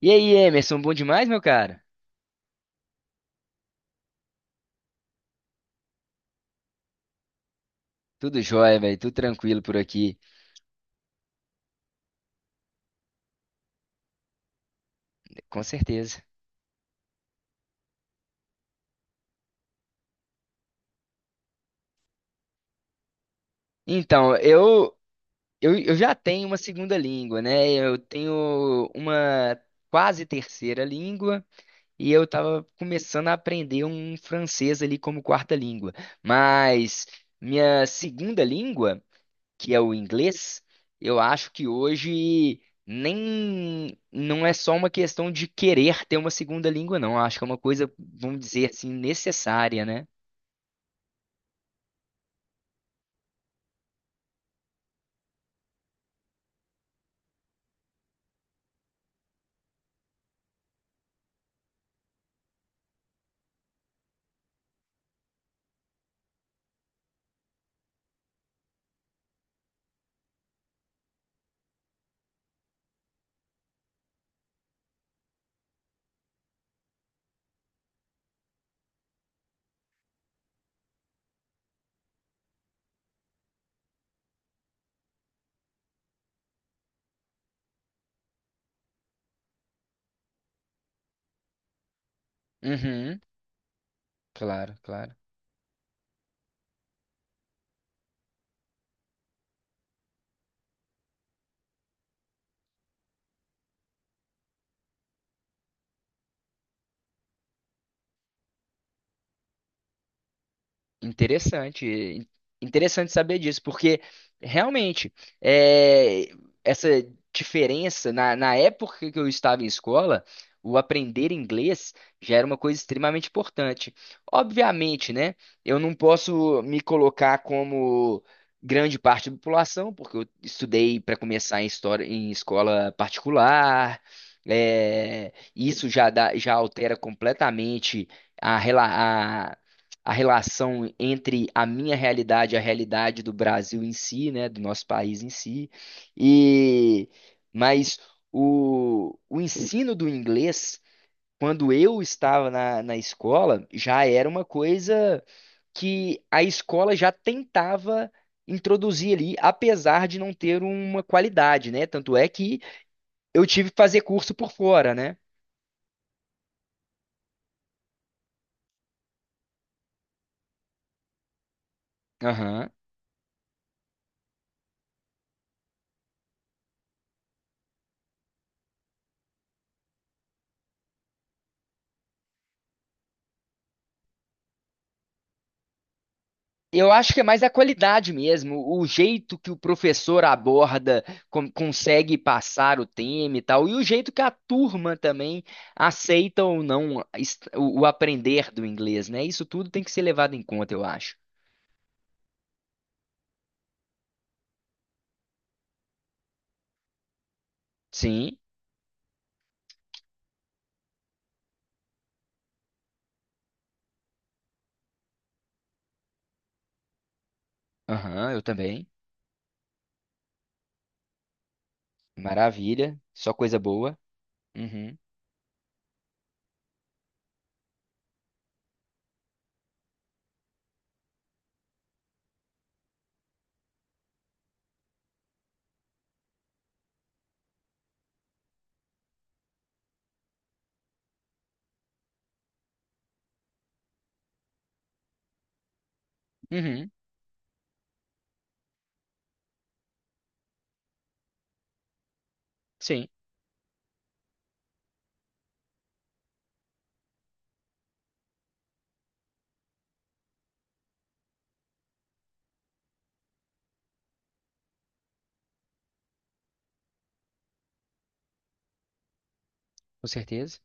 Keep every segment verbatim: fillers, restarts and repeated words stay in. E aí, Emerson, bom demais, meu cara? Tudo jóia, velho, tudo tranquilo por aqui, com certeza. Então, eu, eu, eu já tenho uma segunda língua, né? Eu tenho uma quase terceira língua e eu tava começando a aprender um francês ali como quarta língua. Mas minha segunda língua, que é o inglês, eu acho que hoje nem não é só uma questão de querer ter uma segunda língua, não. Eu acho que é uma coisa, vamos dizer assim, necessária, né? Uhum, claro, claro. Interessante, in- interessante saber disso, porque realmente é, essa diferença na, na época que eu estava em escola, o aprender inglês já era uma coisa extremamente importante. Obviamente, né? Eu não posso me colocar como grande parte da população, porque eu estudei para começar em história em escola particular. É, isso já dá- já altera completamente a, rela- a relação entre a minha realidade e a realidade do Brasil em si, né, do nosso país em si. E mas o, o ensino do inglês, quando eu estava na, na escola, já era uma coisa que a escola já tentava introduzir ali, apesar de não ter uma qualidade, né? Tanto é que eu tive que fazer curso por fora, né? Aham. Eu acho que é mais a qualidade mesmo, o jeito que o professor aborda, com- consegue passar o tema e tal, e o jeito que a turma também aceita ou não est- o, o aprender do inglês, né? Isso tudo tem que ser levado em conta, eu acho. Sim, aham, eu também. Maravilha, só coisa boa. Uhum, uhum, sim, com certeza.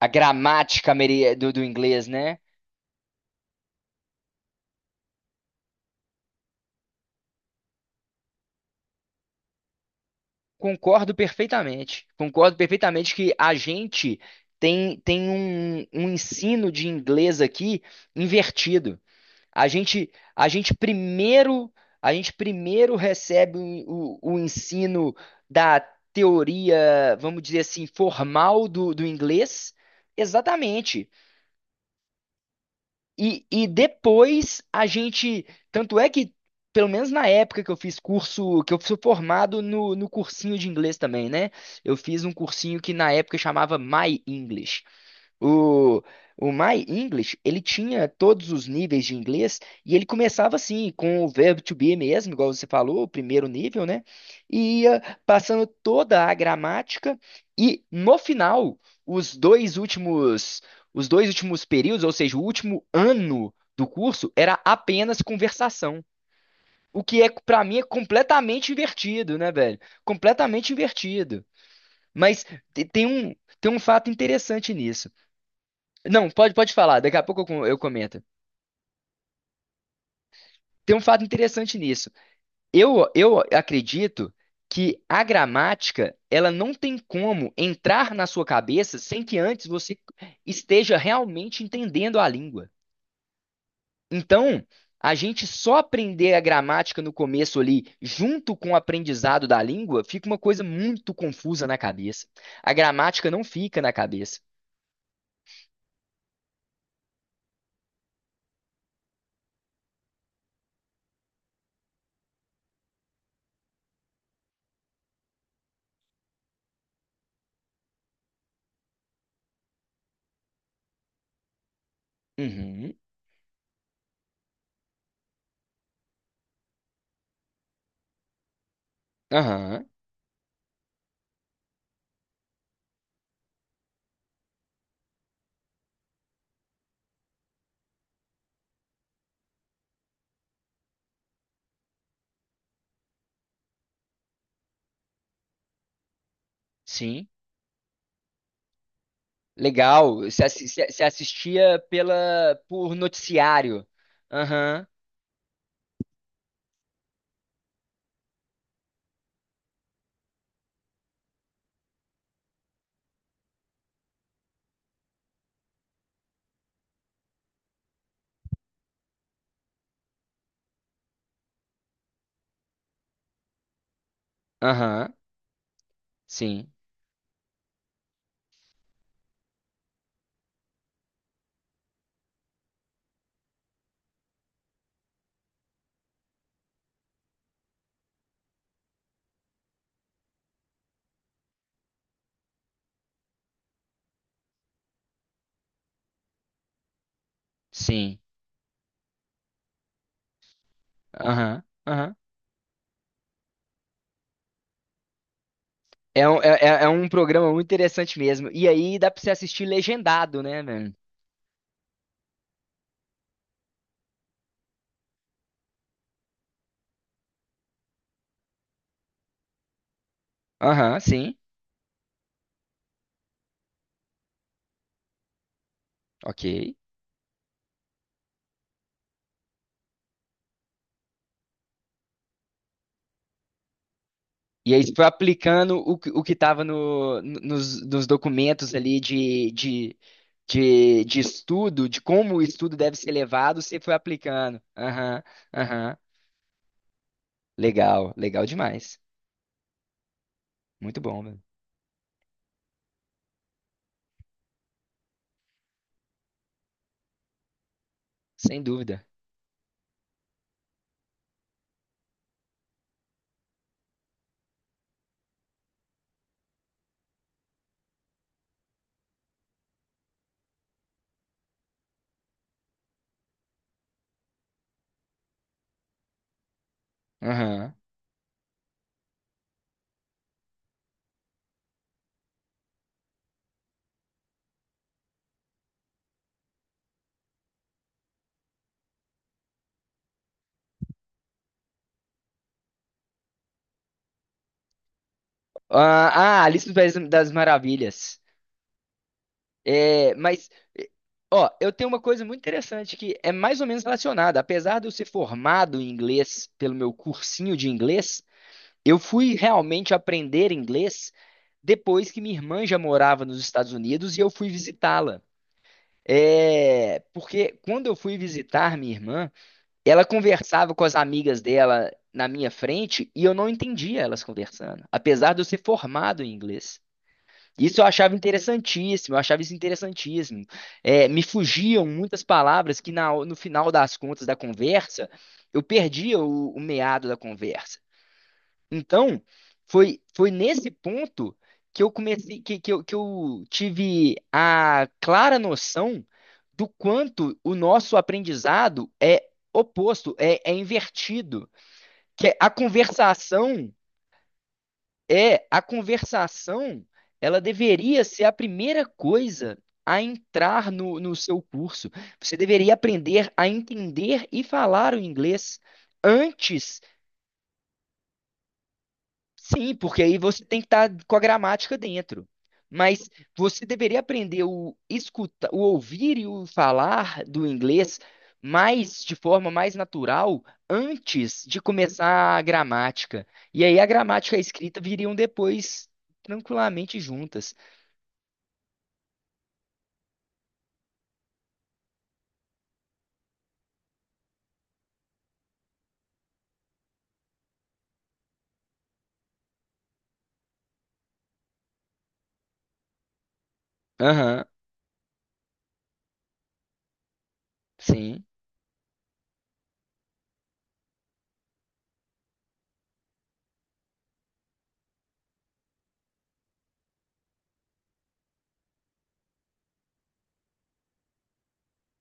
A gramática ameri- do, do inglês, né? Concordo perfeitamente. Concordo perfeitamente que a gente tem, tem um, um ensino de inglês aqui invertido. A gente, a gente primeiro, a gente primeiro recebe o, o, o ensino da teoria, vamos dizer assim, formal do, do inglês. Exatamente. E, e depois a gente. Tanto é que, pelo menos na época que eu fiz curso, que eu fui formado no, no cursinho de inglês também, né? Eu fiz um cursinho que na época chamava My English. O, o My English, ele tinha todos os níveis de inglês e ele começava assim, com o verbo to be mesmo, igual você falou, o primeiro nível, né? E ia passando toda a gramática e no final, os dois últimos, os dois últimos períodos, ou seja, o último ano do curso era apenas conversação, o que é para mim é completamente invertido, né, velho? Completamente invertido. Mas te- tem um, tem um fato interessante nisso. Não, pode, pode falar, daqui a pouco eu, com- eu comento. Tem um fato interessante nisso. Eu, eu acredito que a gramática, ela não tem como entrar na sua cabeça sem que antes você esteja realmente entendendo a língua. Então, a gente só aprender a gramática no começo ali, junto com o aprendizado da língua, fica uma coisa muito confusa na cabeça. A gramática não fica na cabeça. Uhum, aham, sim. Legal. Você assi- você- você assistia pela por noticiário. Aham, aham. Sim, sim. Aham, aham. É um, é, é é um programa muito interessante mesmo. E aí dá pra você assistir legendado, né, velho? Aham, sim. Ok. E aí você foi aplicando o, que- o que tava no, no- nos, nos documentos ali de, de, de, de estudo, de como o estudo deve ser levado, você foi aplicando. Aham, aham. Legal, legal demais. Muito bom, velho. Sem dúvida. Aham. Ah, ah, Alice no País das Maravilhas. É, mas, eh, ó, eu tenho uma coisa muito interessante que é mais ou menos relacionada. Apesar de eu ser formado em inglês pelo meu cursinho de inglês, eu fui realmente aprender inglês depois que minha irmã já morava nos Estados Unidos e eu fui visitá-la. É, porque quando eu fui visitar minha irmã, ela conversava com as amigas dela na minha frente e eu não entendia elas conversando, apesar de eu ser formado em inglês. Isso eu achava interessantíssimo, eu achava isso interessantíssimo. É, me fugiam muitas palavras que na- no final das contas da conversa eu perdia o, o meado da conversa. Então, foi, foi nesse ponto que eu comecei, que, que eu, que eu tive a clara noção do quanto o nosso aprendizado é oposto, é, é invertido. Que é a conversação, é a conversação, ela deveria ser a primeira coisa a entrar no, no seu curso. Você deveria aprender a entender e falar o inglês antes. Sim, porque aí você tem que estar com a gramática dentro. Mas você deveria aprender o escuta, o ouvir e o falar do inglês mais de forma mais natural antes de começar a gramática. E aí a gramática e a escrita viriam depois tranquilamente juntas. Aham, sim.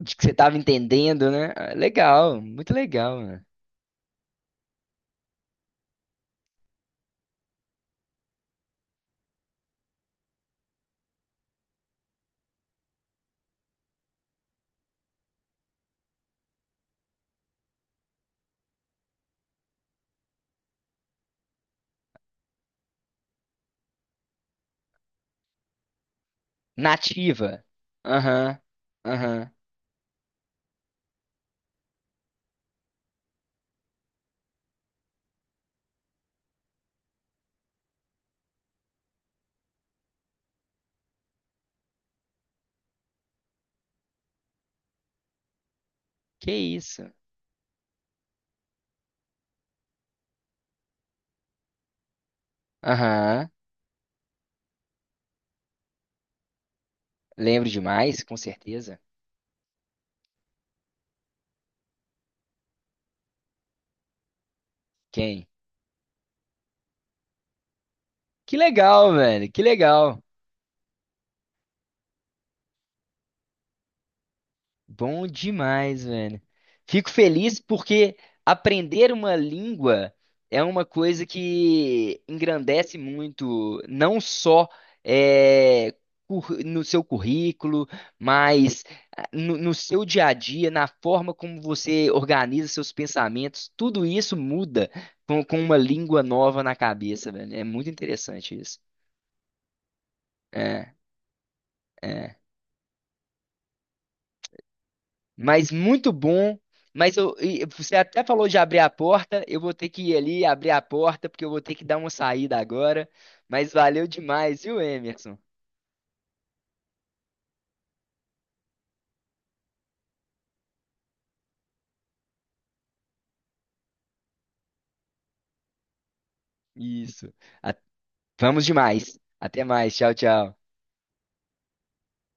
De que você estava entendendo, né? Ah, legal, muito legal, né? Nativa. Aham, aham. Que isso? Aham. Lembro demais, com certeza. Quem? Que legal, velho. Que legal. Bom demais, velho. Fico feliz porque aprender uma língua é uma coisa que engrandece muito, não só eh, cur- no seu currículo, mas ah, no, no seu dia a dia, na forma como você organiza seus pensamentos. Tudo isso muda com, com uma língua nova na cabeça, velho. É muito interessante isso. É. É. Mas muito bom. Mas eu, e você até falou de abrir a porta. Eu vou ter que ir ali abrir a porta, porque eu vou ter que dar uma saída agora. Mas valeu demais, viu, Emerson? Isso. A- Vamos demais. Até mais. Tchau, tchau.